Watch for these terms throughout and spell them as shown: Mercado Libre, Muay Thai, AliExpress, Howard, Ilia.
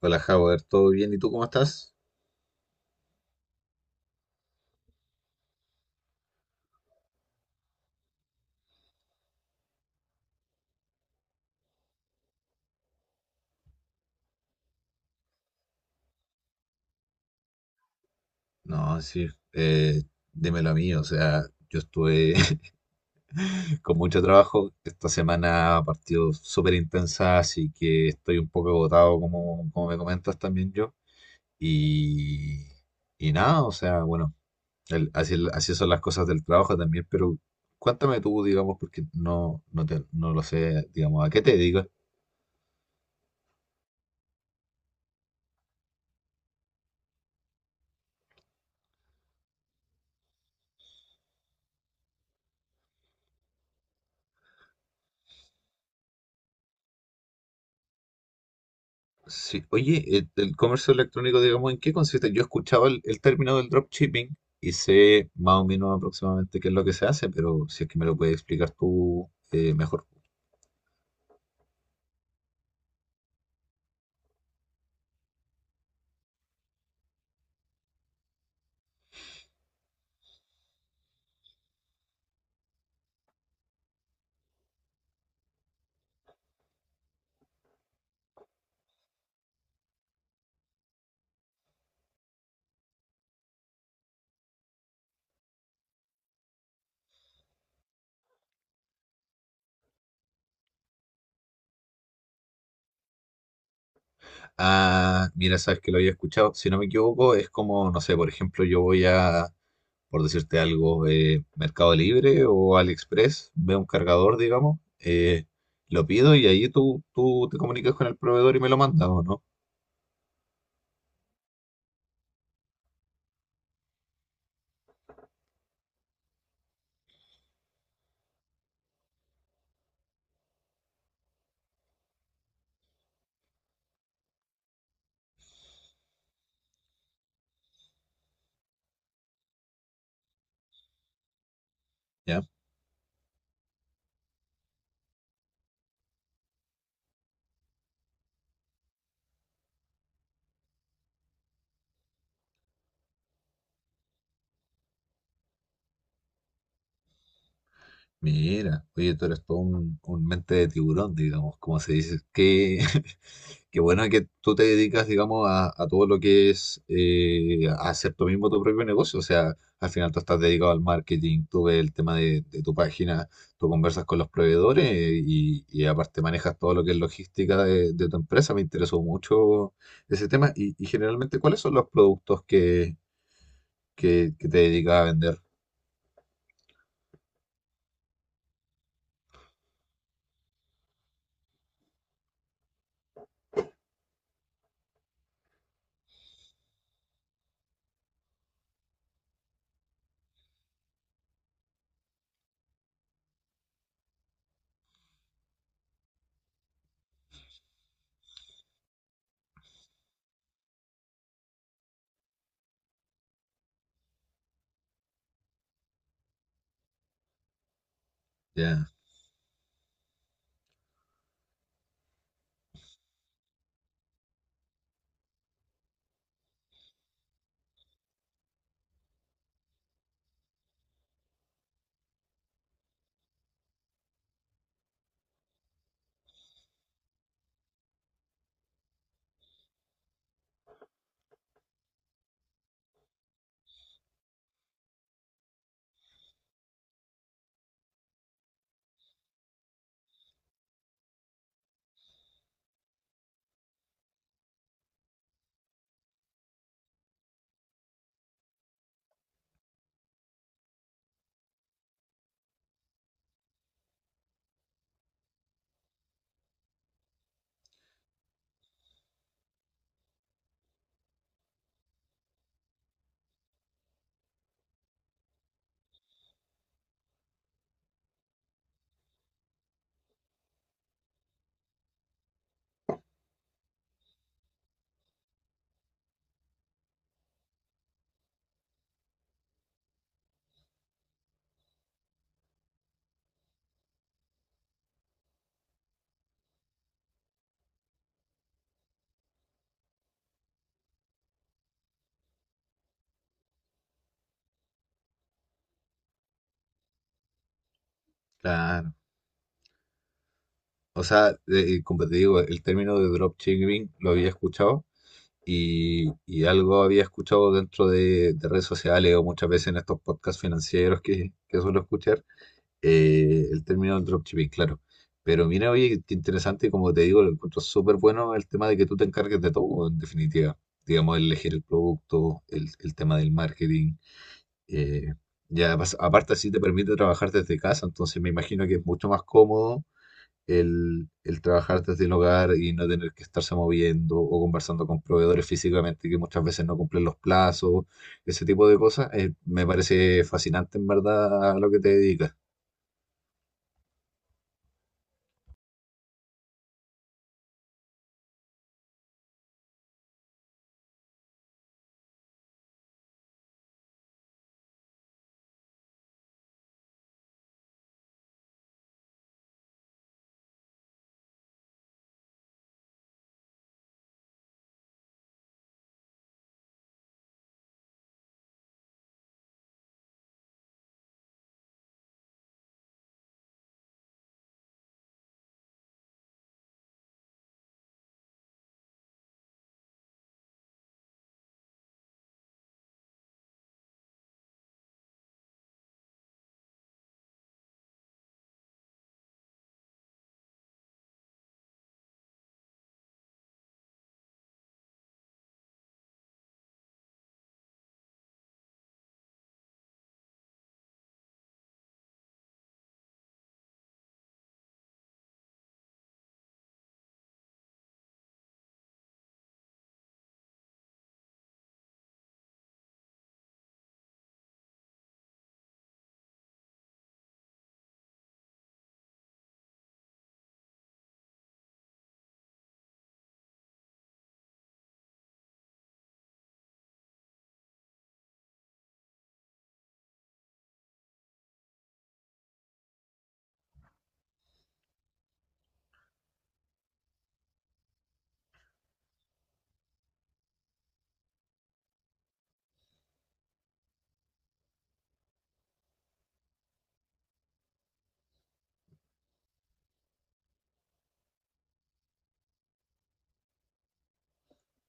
Hola, Howard, ¿todo bien? ¿Y tú cómo estás? No, sí, dímelo a mí, o sea, yo estuve con mucho trabajo, esta semana ha partido súper intensa, así que estoy un poco agotado, como, como me comentas también yo, y, y nada, o sea, bueno, así, así son las cosas del trabajo también, pero cuéntame tú, digamos, porque no lo sé, digamos, ¿a qué te dedicas? Sí. Oye, el comercio electrónico, digamos, ¿en qué consiste? Yo escuchaba el término del dropshipping y sé más o menos aproximadamente qué es lo que se hace, pero si es que me lo puedes explicar tú mejor. Ah, mira, sabes que lo había escuchado. Si no me equivoco, es como, no sé, por ejemplo, yo voy a, por decirte algo, Mercado Libre o AliExpress, veo un cargador, digamos, lo pido y ahí tú te comunicas con el proveedor y me lo mandas, ¿o no? ¿Ya? Mira, oye, tú eres todo un mente de tiburón, digamos, como se dice. Qué, qué bueno que tú te dedicas, digamos, a todo lo que es a hacer tú mismo tu propio negocio. O sea, al final tú estás dedicado al marketing, tú ves el tema de tu página, tú conversas con los proveedores y aparte manejas todo lo que es logística de tu empresa. Me interesó mucho ese tema. Y generalmente, ¿cuáles son los productos que te dedicas a vender? Ya, claro. O sea, como te digo, el término de dropshipping lo había escuchado y algo había escuchado dentro de redes sociales o muchas veces en estos podcasts financieros que suelo escuchar, el término del dropshipping, claro. Pero mira, oye, qué interesante, y como te digo, lo encuentro súper bueno el tema de que tú te encargues de todo, en definitiva. Digamos, el elegir el producto, el tema del marketing. eh, ya, aparte, así te permite trabajar desde casa, entonces me imagino que es mucho más cómodo el trabajar desde el hogar y no tener que estarse moviendo o conversando con proveedores físicamente que muchas veces no cumplen los plazos, ese tipo de cosas, me parece fascinante en verdad lo que te dedicas.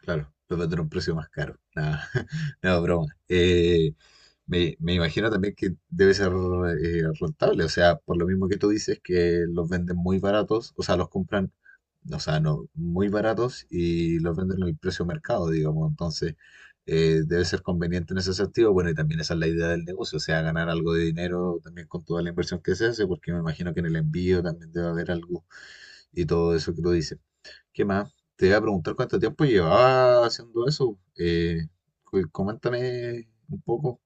Claro, puede a un precio más caro. Nada, no, broma. Me imagino también que debe ser rentable, o sea, por lo mismo que tú dices, que los venden muy baratos, o sea, los compran, o sea, no, muy baratos y los venden al precio mercado, digamos. Entonces, debe ser conveniente en ese sentido. Bueno, y también esa es la idea del negocio, o sea, ganar algo de dinero también con toda la inversión que se hace, porque me imagino que en el envío también debe haber algo y todo eso que tú dices. ¿Qué más? Te voy a preguntar cuánto tiempo llevaba haciendo eso. Coméntame un poco.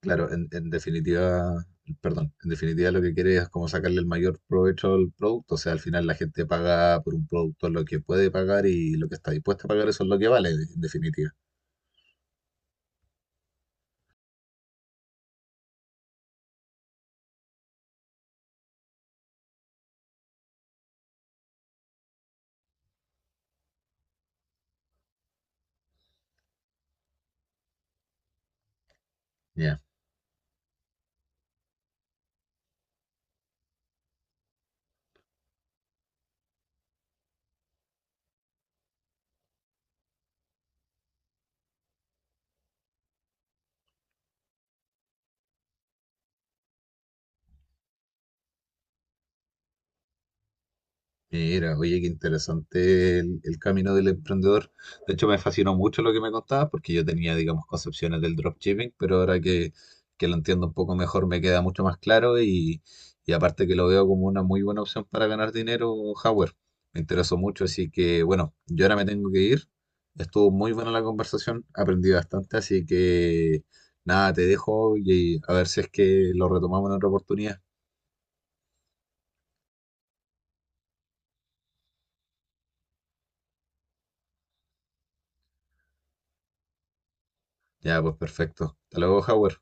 Claro, en definitiva, perdón, en definitiva lo que quieres es como sacarle el mayor provecho al producto. O sea, al final la gente paga por un producto lo que puede pagar y lo que está dispuesta a pagar, eso es lo que vale, en definitiva. Ya. Mira, oye, qué interesante el camino del emprendedor. De hecho, me fascinó mucho lo que me contabas porque yo tenía, digamos, concepciones del dropshipping, pero ahora que lo entiendo un poco mejor me queda mucho más claro y aparte que lo veo como una muy buena opción para ganar dinero, Howard. Me interesó mucho, así que bueno, yo ahora me tengo que ir. Estuvo muy buena la conversación, aprendí bastante, así que nada, te dejo y a ver si es que lo retomamos en otra oportunidad. Ya, pues perfecto. Hasta luego, Howard.